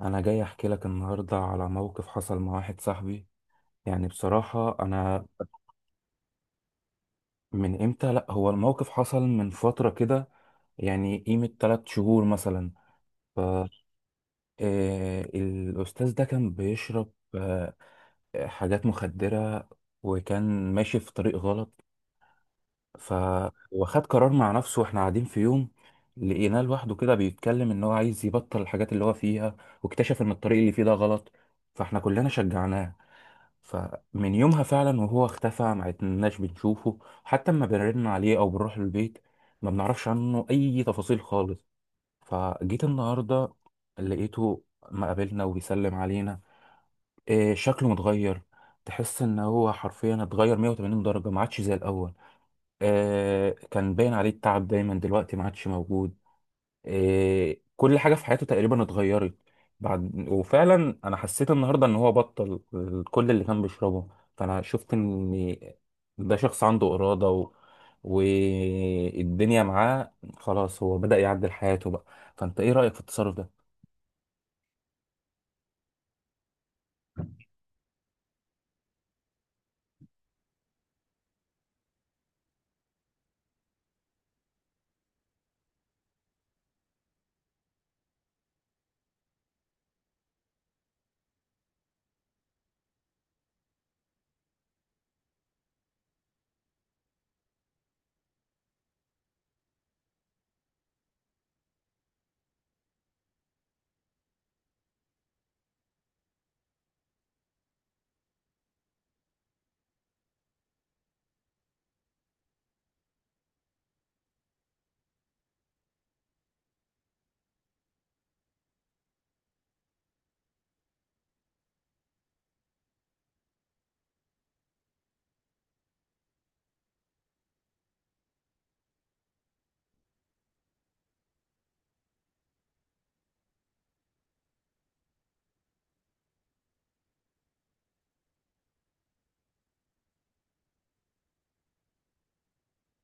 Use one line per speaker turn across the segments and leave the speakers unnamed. انا جاي احكي لك النهارده على موقف حصل مع واحد صاحبي. يعني بصراحه انا، من امتى؟ لا، هو الموقف حصل من فتره كده، يعني قيمه 3 شهور مثلا. ف آه، الاستاذ ده كان بيشرب حاجات مخدره، وكان ماشي في طريق غلط. ف وخد قرار مع نفسه، واحنا قاعدين في يوم لقيناه لوحده كده بيتكلم ان هو عايز يبطل الحاجات اللي هو فيها، واكتشف ان الطريق اللي فيه ده غلط. فاحنا كلنا شجعناه. فمن يومها فعلا وهو اختفى، ما عدناش بنشوفه حتى اما بنرن عليه او بنروح البيت. ما بنعرفش عنه اي تفاصيل خالص. فجيت النهارده لقيته، ما قابلنا وبيسلم علينا. إيه شكله متغير، تحس ان هو حرفيا اتغير 180 درجة، ما عادش زي الاول. إيه كان باين عليه التعب دايما دلوقتي ما عادش موجود. إيه، كل حاجة في حياته تقريبا اتغيرت. بعد وفعلا انا حسيت النهارده ان هو بطل كل اللي كان بيشربه. فانا شفت ان ده شخص عنده إرادة والدنيا معاه خلاص، هو بدأ يعدل حياته بقى. فانت ايه رأيك في التصرف ده؟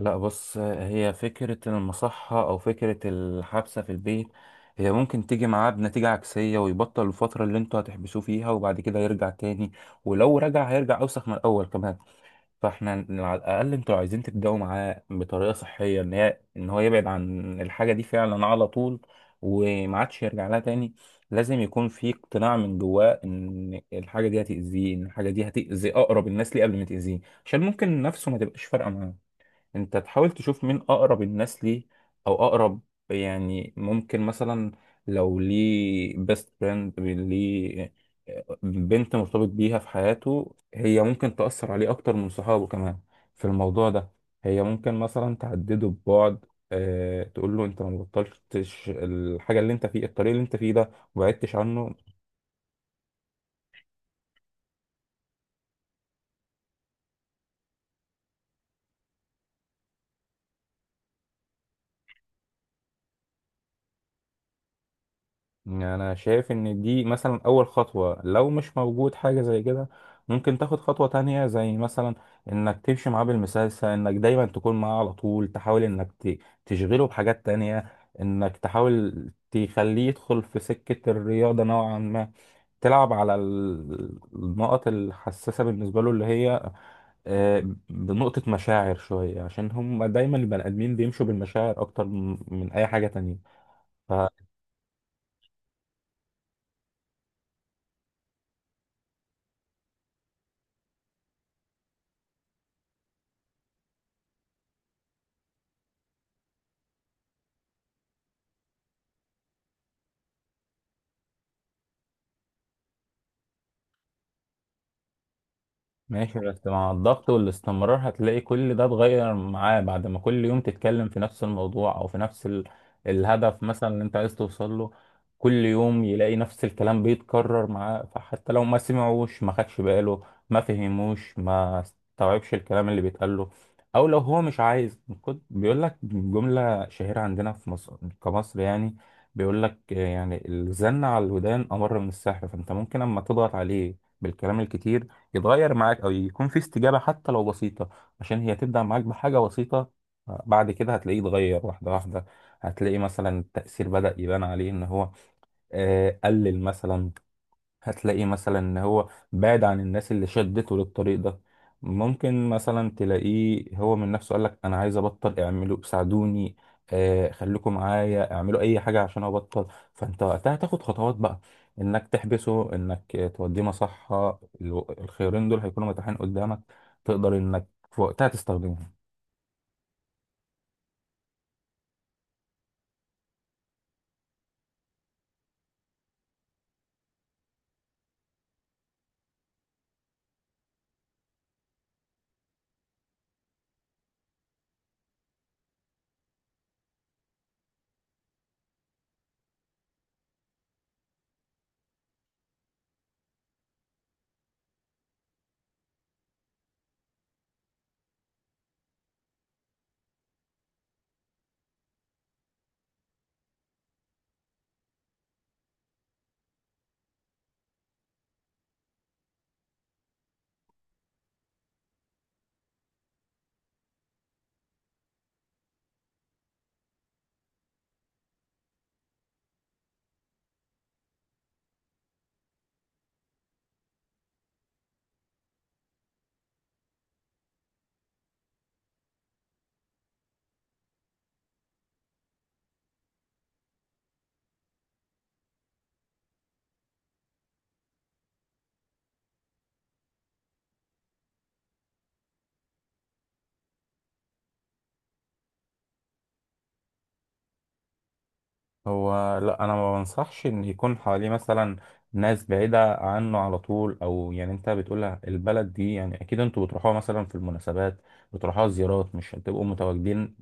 لا بص، هي فكرة المصحة او فكرة الحبسة في البيت هي ممكن تيجي معاه بنتيجة عكسية، ويبطل الفترة اللي انتوا هتحبسوه فيها، وبعد كده يرجع تاني. ولو رجع هيرجع اوسخ من الاول كمان. فاحنا على الاقل انتوا عايزين تبداوا معاه بطريقه صحيه، ان هو يبعد عن الحاجه دي فعلا على طول، وما عادش يرجع لها تاني. لازم يكون في اقتناع من جواه ان الحاجه دي هتاذيه، ان الحاجه دي هتاذي اقرب الناس ليه قبل ما تاذيه، عشان ممكن نفسه ما تبقاش فارقه. انت تحاول تشوف مين اقرب الناس ليه، او اقرب، يعني ممكن مثلا لو ليه بيست فريند ليه، بنت مرتبط بيها في حياته، هي ممكن تأثر عليه اكتر من صحابه كمان في الموضوع ده. هي ممكن مثلا تهدده ببعد، أه تقول له انت ما بطلتش الحاجه اللي انت فيه، الطريق اللي انت فيه ده وبعدتش عنه. يعني انا شايف ان دي مثلا اول خطوة، لو مش موجود حاجة زي كده ممكن تاخد خطوة تانية، زي مثلا انك تمشي معاه بالمسلسل، انك دايما تكون معاه على طول، تحاول انك تشغله بحاجات تانية، انك تحاول تخليه يدخل في سكة الرياضة نوعا ما. تلعب على النقط الحساسة بالنسبة له، اللي هي آه، بنقطة مشاعر شوية، عشان هم دايما البني آدمين بيمشوا بالمشاعر أكتر من أي حاجة تانية. ماشي بس مع الضغط والاستمرار هتلاقي كل ده اتغير معاه، بعد ما كل يوم تتكلم في نفس الموضوع او في نفس الهدف مثلا اللي انت عايز توصل له. كل يوم يلاقي نفس الكلام بيتكرر معاه، فحتى لو ما سمعوش ما خدش باله، ما فهموش ما استوعبش الكلام اللي بيتقال له، او لو هو مش عايز. كنت بيقول لك جملة شهيرة عندنا في مصر، كمصر يعني، بيقول لك يعني الزن على الودان امر من السحر. فانت ممكن اما تضغط عليه بالكلام الكتير يتغير معاك، او يكون في استجابه حتى لو بسيطه، عشان هي تبدا معاك بحاجه بسيطه، بعد كده هتلاقيه اتغير واحده واحده. هتلاقي مثلا التاثير بدا يبان عليه ان هو قلل مثلا، هتلاقيه مثلا ان هو بعد عن الناس اللي شدته للطريق ده. ممكن مثلا تلاقيه هو من نفسه قالك انا عايز ابطل، اعملوا ساعدوني، آه خليكم معايا، اعملوا اي حاجه عشان ابطل. فانت وقتها تاخد خطوات بقى، انك تحبسه، انك توديه مصحه. الخيارين دول هيكونوا متاحين قدامك، تقدر انك في وقتها تستخدمهم. هو لا، انا ما بنصحش ان يكون حواليه مثلا ناس بعيده عنه على طول. او يعني انت بتقولها البلد دي، يعني اكيد انتوا بتروحوها مثلا في المناسبات، بتروحوها زيارات، مش هتبقوا متواجدين.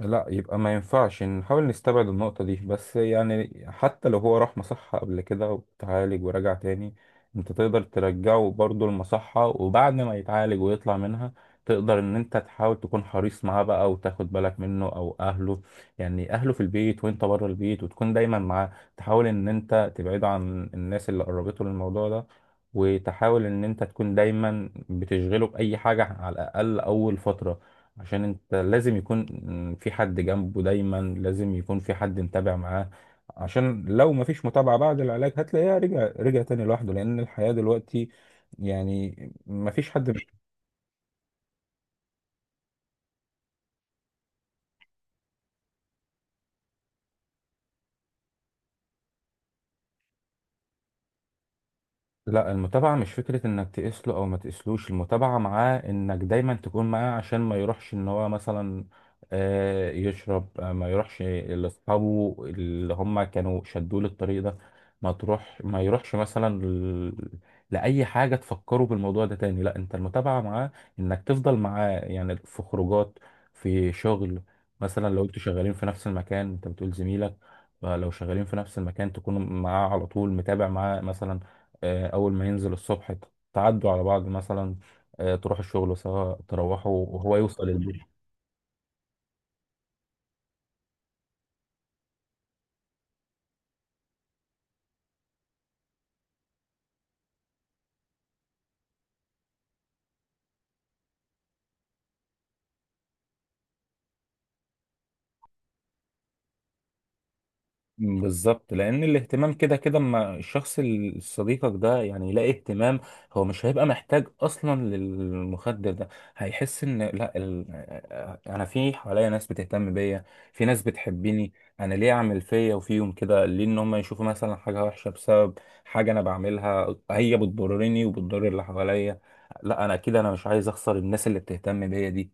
لا، يبقى ما ينفعش نحاول نستبعد النقطة دي. بس يعني حتى لو هو راح مصحة قبل كده وتعالج ورجع تاني، انت تقدر ترجعه برضه المصحة، وبعد ما يتعالج ويطلع منها تقدر ان انت تحاول تكون حريص معاه بقى وتاخد بالك منه او اهله. يعني اهله في البيت وانت بره البيت، وتكون دايما معاه، تحاول ان انت تبعده عن الناس اللي قربته للموضوع ده، وتحاول ان انت تكون دايما بتشغله بأي حاجة على الاقل اول فترة. عشان انت لازم يكون في حد جنبه دايما، لازم يكون في حد متابع معاه، عشان لو ما فيش متابعة بعد العلاج هتلاقيها رجع تاني لوحده، لأن الحياة دلوقتي يعني ما فيش حد. لا، المتابعة مش فكرة انك تقيس له او ما تقيسلوش. المتابعة معاه انك دايما تكون معاه، عشان ما يروحش ان هو مثلا يشرب، ما يروحش لاصحابه اللي هم كانوا شدوه للطريق ده. ما يروحش مثلا لأي حاجة تفكره بالموضوع ده تاني. لا، انت المتابعة معاه انك تفضل معاه، يعني في خروجات، في شغل، مثلا لو انتوا شغالين في نفس المكان انت بتقول زميلك، فلو شغالين في نفس المكان تكون معاه على طول متابع معاه مثلا. أول ما ينزل الصبح تعدوا على بعض مثلا، تروح الشغل سوا، تروحوا وهو يوصل البيت. بالظبط، لان الاهتمام كده كده اما الشخص صديقك ده يعني يلاقي اهتمام، هو مش هيبقى محتاج اصلا للمخدر ده. هيحس ان لا انا في حواليا ناس بتهتم بيا، في ناس بتحبني، انا ليه اعمل فيا وفيهم كده؟ ليه ان هم يشوفوا مثلا حاجه وحشه بسبب حاجه انا بعملها، هي بتضرني وبتضر اللي حواليا. لا، انا كده انا مش عايز اخسر الناس اللي بتهتم بيا دي،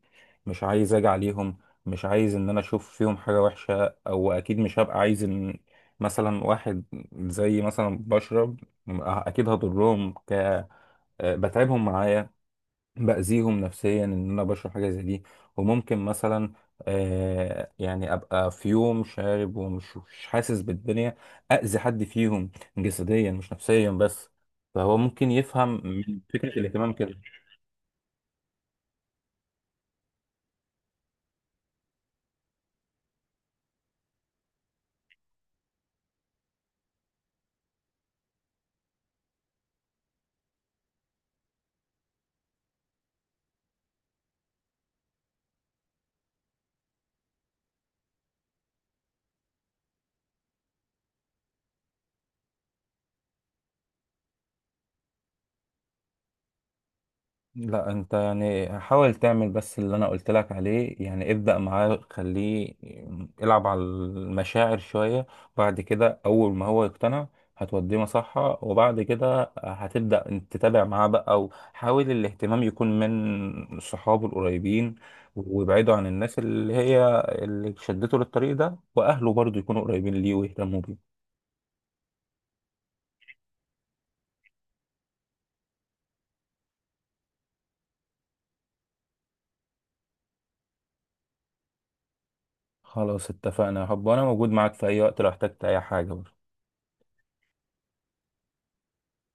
مش عايز اجي عليهم، مش عايز ان انا اشوف فيهم حاجه وحشه. او اكيد مش هبقى عايز مثلا واحد زي مثلا بشرب، اكيد هضرهم، ك آه، بتعبهم معايا، باذيهم نفسيا ان انا بشرب حاجه زي دي. وممكن مثلا يعني ابقى في يوم شارب ومش مش حاسس بالدنيا، اذي حد فيهم جسديا مش نفسيا بس. فهو ممكن يفهم من فكره الاهتمام كده. لا انت يعني حاول تعمل بس اللي انا قلت لك عليه، يعني ابدأ معاه، خليه يلعب على المشاعر شوية، بعد كده اول ما هو يقتنع هتوديه مصحة، وبعد كده هتبدأ انت تتابع معاه بقى، او حاول الاهتمام يكون من صحابه القريبين، وابعده عن الناس اللي هي اللي شدته للطريق ده، واهله برضو يكونوا قريبين ليه ويهتموا بيه. خلاص اتفقنا يا حب، وانا موجود معاك في اي وقت لو احتجت اي حاجة.